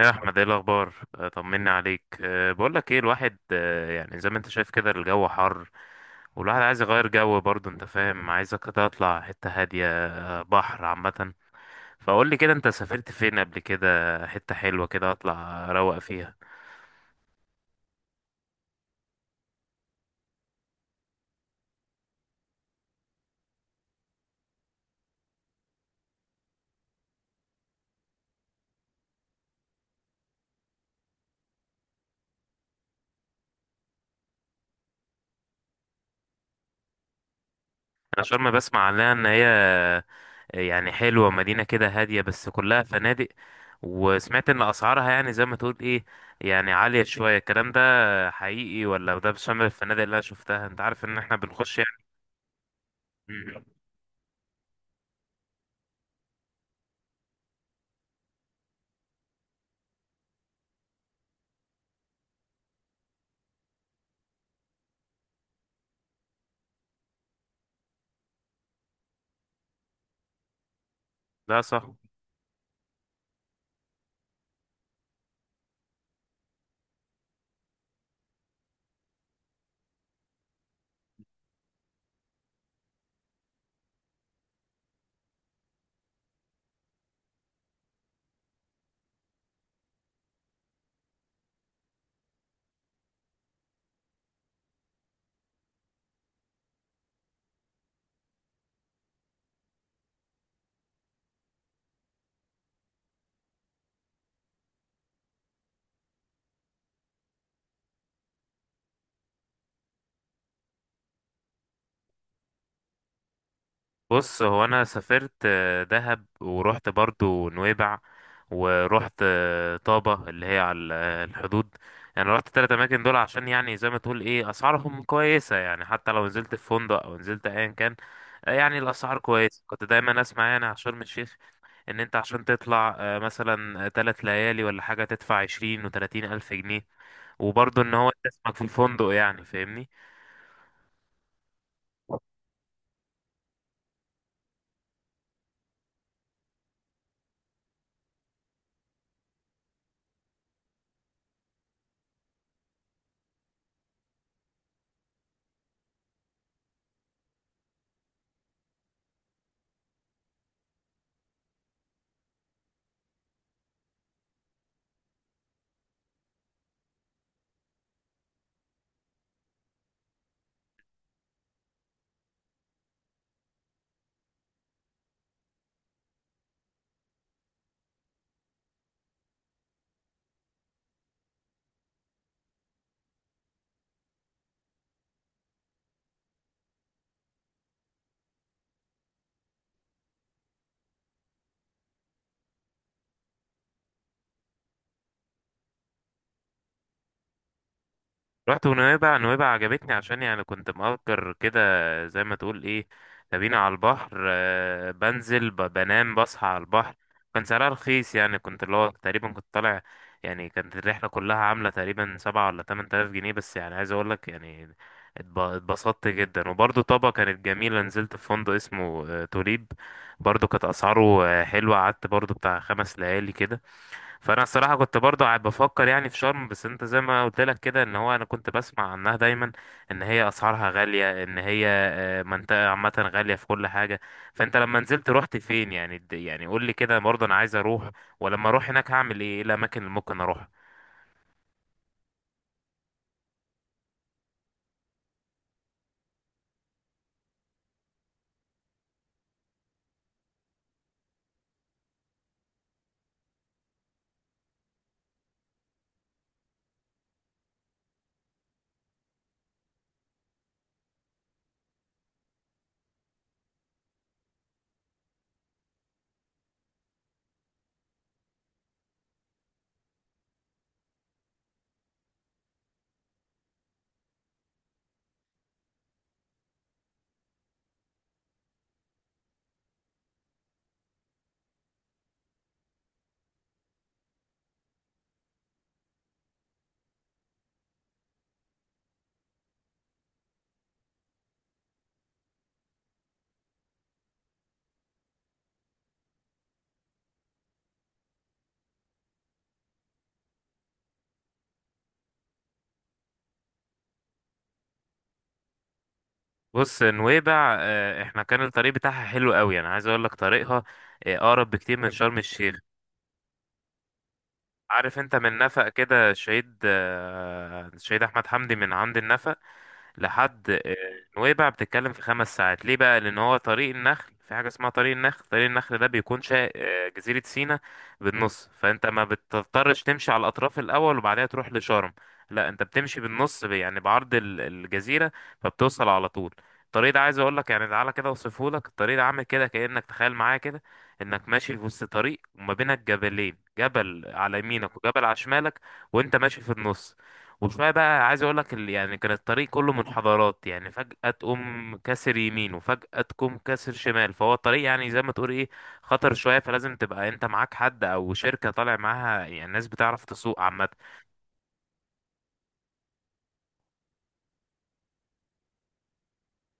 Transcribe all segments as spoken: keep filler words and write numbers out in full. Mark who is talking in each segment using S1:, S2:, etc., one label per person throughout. S1: يا احمد، ايه الاخبار؟ آه، طمني عليك. أه بقول لك ايه، الواحد أه يعني زي ما انت شايف كده الجو حر، والواحد عايز يغير جو برضه، انت فاهم؟ عايزك كده اطلع حته هاديه، آه، بحر عامه. فقول لي كده، انت سافرت فين قبل كده؟ حته حلوه كده اطلع اروق فيها. انا شرم بسمع عنها ان هي آه، يعني حلوه، مدينه كده هاديه بس كلها فنادق. وسمعت ان اسعارها يعني زي ما تقول ايه، يعني عالية شوية. الكلام ده حقيقي، ولا ده بشمل الفنادق اللي انا شفتها؟ انت عارف ان احنا بنخش. مم. لا، صح. بص هو انا سافرت آه، دهب، ورحت برضو نويبع، ورحت آه، طابة اللي هي على ال- آه، الحدود. يعني رحت تلات اماكن دول عشان يعني زي ما تقول ايه اسعارهم كويسة، يعني حتى لو نزلت في فندق او نزلت ايا كان، آه، يعني الاسعار كويسة. كنت دايما اسمع يعني على شرم الشيخ ان انت عشان تطلع آه، مثلا آه، تلات ليالي ولا حاجة تدفع عشرين وتلاتين الف جنيه، وبرضو ان هو انت اسمك في الفندق، يعني فاهمني. رحت ونويبع، نويبع عجبتني عشان يعني كنت مأجر كده زي ما تقول ايه كابينة على البحر. آه، بنزل، ب- بنام، بصحى على البحر. كان سعرها رخيص، يعني كنت اللي هو تقريبا كنت طالع يعني. كانت الرحلة كلها عاملة تقريبا سبعة ولا تمن تلاف جنيه بس، يعني عايز أقولك، يعني اتب- اتبسطت جدا. وبرضه طابة كانت جميلة، نزلت في فندق اسمه آه، توليب، برضه كانت أسعاره آه، حلوة. قعدت برضه بتاع خمس ليالي كده. فانا الصراحه كنت برضه قاعد بفكر يعني في شرم، بس انت زي ما قلت لك كده ان هو انا كنت بسمع عنها دايما ان هي اسعارها غاليه، ان هي آه، منطقه عامه غاليه في كل حاجه. فانت لما نزلت رحت فين يعني؟ د- يعني قول لي كده برضه، انا عايز اروح، ولما اروح هناك هعمل ايه؟ ايه الاماكن اللي ممكن اروحها؟ بص نويبع آه، احنا كان الطريق بتاعها حلو قوي. انا عايز اقول لك طريقها آه، اقرب بكتير من شرم الشيخ. عارف انت من نفق كده الشهيد آه، الشهيد احمد حمدي، من عند النفق لحد آه، نويبع بتتكلم في خمس ساعات. ليه بقى؟ لان هو طريق النخل، في حاجه اسمها طريق النخل. طريق النخل ده بيكون شا... آه، جزيره سيناء بالنص. فانت ما بتضطرش تمشي على الاطراف الاول وبعدها تروح لشرم، لا انت بتمشي بالنص، ب- يعني بعرض ال- الجزيره، فبتوصل على طول. الطريق ده عايز اقول لك يعني، تعالى كده اوصفه لك. الطريق ده عامل كده كانك تخيل معايا كده انك ماشي في وسط طريق وما بينك جبلين، جبل على يمينك وجبل على شمالك، وانت ماشي في النص. وشويه بقى عايز اقول لك يعني، كان الطريق كله منحدرات، يعني فجأة تقوم كاسر يمين وفجأة تقوم كاسر شمال. فهو الطريق يعني زي ما تقول ايه خطر شويه، فلازم تبقى انت معاك حد او شركه طالع معاها، يعني ناس بتعرف تسوق عامه.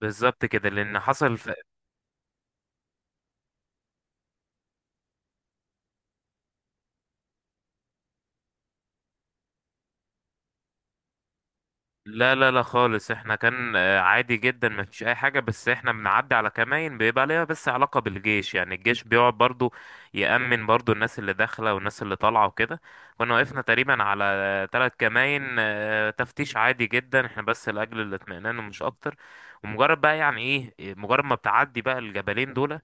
S1: بالظبط كده، لان حصل. لا لا لا خالص، احنا كان آه، عادي جدا ما فيش اي حاجة. بس احنا بنعدي على كمائن، بيبقى ليها بس علاقة بالجيش. يعني الجيش بيقعد برضو يأمن برضو الناس اللي داخلة والناس اللي طالعة وكده. كنا وقفنا تقريبا على ثلاث كمائن آه، تفتيش عادي جدا، احنا بس لأجل الاطمئنان ومش اكتر. ومجرد بقى يعني ايه، مجرد ما بتعدي بقى الجبلين دول،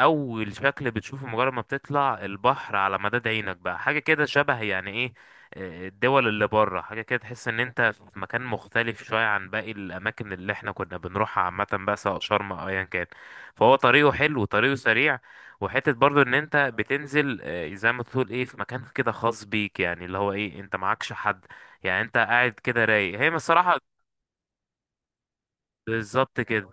S1: اول شكل بتشوفه مجرد ما بتطلع البحر على مداد عينك بقى، حاجه كده شبه يعني ايه آه، الدول اللي بره، حاجه كده تحس ان انت في مكان مختلف شويه عن باقي الاماكن اللي احنا كنا بنروحها عامه بقى، سواء شرم او ايا كان. فهو طريقه حلو وطريقه سريع، وحته برضو ان انت بتنزل آه، زي ما تقول ايه في مكان كده خاص بيك، يعني اللي هو ايه انت معكش حد. يعني انت قاعد كده رايق، هي من الصراحه بالظبط كده.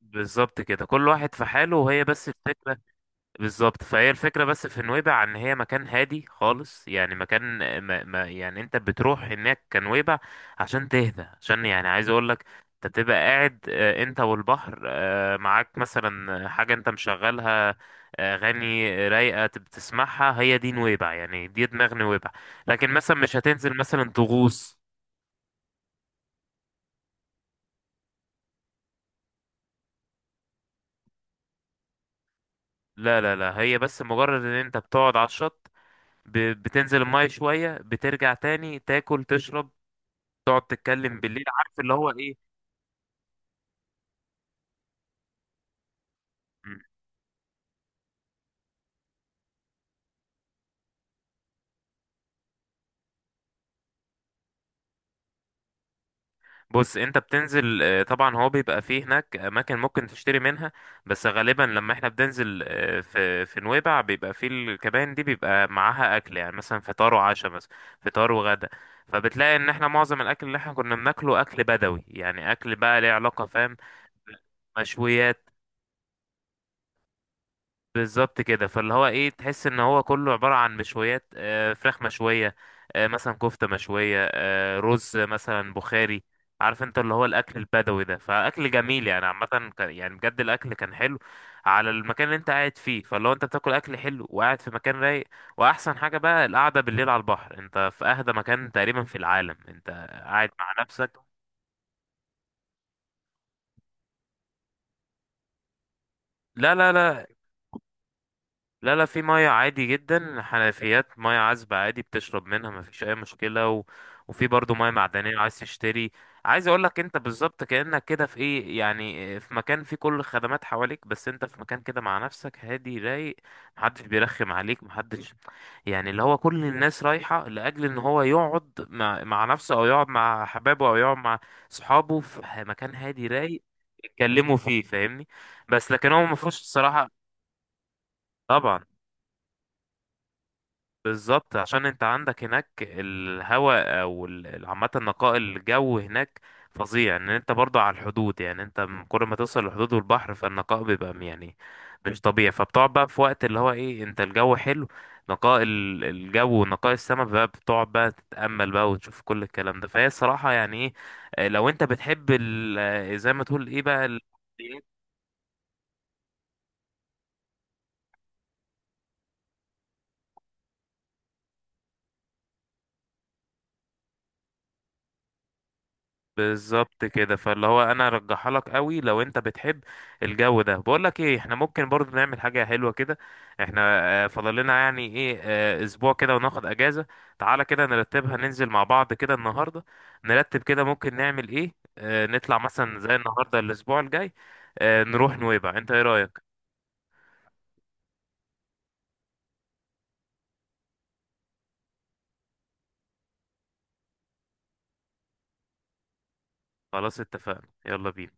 S1: بالظبط كده كل واحد في حاله، وهي بس الفكره. بالظبط، فهي الفكرة بس في نويبع ان هي مكان هادي خالص، يعني مكان ما ما يعني انت بتروح هناك كنويبع عشان تهدى، عشان يعني عايز اقولك انت بتبقى قاعد آه، انت والبحر، آه، معاك مثلا حاجة انت مشغلها آه، اغاني رايقة تب- بتسمعها. هي دي نويبع، يعني دي دماغ نويبع. لكن مثلا مش هتنزل مثلا تغوص، لا لا لا، هي بس مجرد ان انت بتقعد على الشط، ب- بتنزل المية شوية، بترجع تاني، تاكل، تشرب، تقعد تتكلم بالليل، عارف اللي هو ايه. مم. بص انت بتنزل آه، طبعا هو بيبقى فيه هناك اماكن ممكن تشتري منها. بس غالبا لما احنا بننزل آه، في في نويبع بيبقى فيه الكباين دي بيبقى معاها اكل، يعني مثلا فطار وعشاء، مثلا فطار وغدا. فبتلاقي ان احنا معظم الاكل اللي احنا كنا بناكله اكل بدوي، يعني اكل بقى ليه علاقة فاهم، مشويات. بالظبط كده، فاللي هو ايه تحس ان هو كله عبارة عن مشويات، آه، فراخ مشوية، آه، مثلا كفتة مشوية، آه، رز مثلا بخاري. عارف انت اللي هو الاكل البدوي ده، فاكل جميل يعني. عامة كان- يعني بجد الاكل كان حلو على المكان اللي انت قاعد فيه. فاللي هو انت بتاكل اكل حلو وقاعد في مكان رايق، واحسن حاجة بقى القعدة بالليل على البحر. انت في اهدى مكان تقريبا في العالم، انت قاعد مع نفسك. لا لا لا. لا لا في مية عادي جدا، حنفيات مية عذبة عادي بتشرب منها مفيش أي مشكلة. و... وفي برضو مية معدنية عايز تشتري. عايز أقولك، أنت بالظبط كأنك كده في إيه يعني، آه، في مكان فيه كل الخدمات حواليك بس أنت في مكان كده مع نفسك، هادي رايق، محدش بيرخم عليك، محدش. يعني اللي هو كل الناس رايحة لأجل إن هو يقعد مع, مع نفسه، أو يقعد مع حبابه، أو يقعد مع صحابه في مكان هادي رايق يتكلموا فيه، فاهمني؟ بس لكن هو مفهوش الصراحة. طبعا، بالظبط عشان انت عندك هناك الهواء او ال- عامة نقاء الجو هناك فظيع، ان انت برضو على الحدود. يعني انت م- كل ما توصل للحدود والبحر فالنقاء بيبقى م- يعني مش طبيعي. فبتقعد بقى في وقت اللي هو ايه، انت الجو حلو، نقاء ال- الجو ونقاء السماء بقى، بتقعد بقى تتأمل بقى وتشوف كل الكلام ده. فهي الصراحة يعني ايه، اه، لو انت بتحب ال- اه، زي ما تقول ايه بقى. بالظبط كده، فاللي هو انا ارجحها لك قوي لو انت بتحب الجو ده. بقول لك ايه، احنا ممكن برضو نعمل حاجه حلوه كده، احنا آه، فاضل لنا يعني ايه آه، اسبوع كده وناخد اجازه. تعالى كده نرتبها، ننزل مع بعض كده النهارده، نرتب كده ممكن نعمل ايه. آه، نطلع مثلا زي النهارده الاسبوع الجاي، آه، نروح نويبع. انت ايه رايك؟ خلاص اتفقنا، يلا بينا.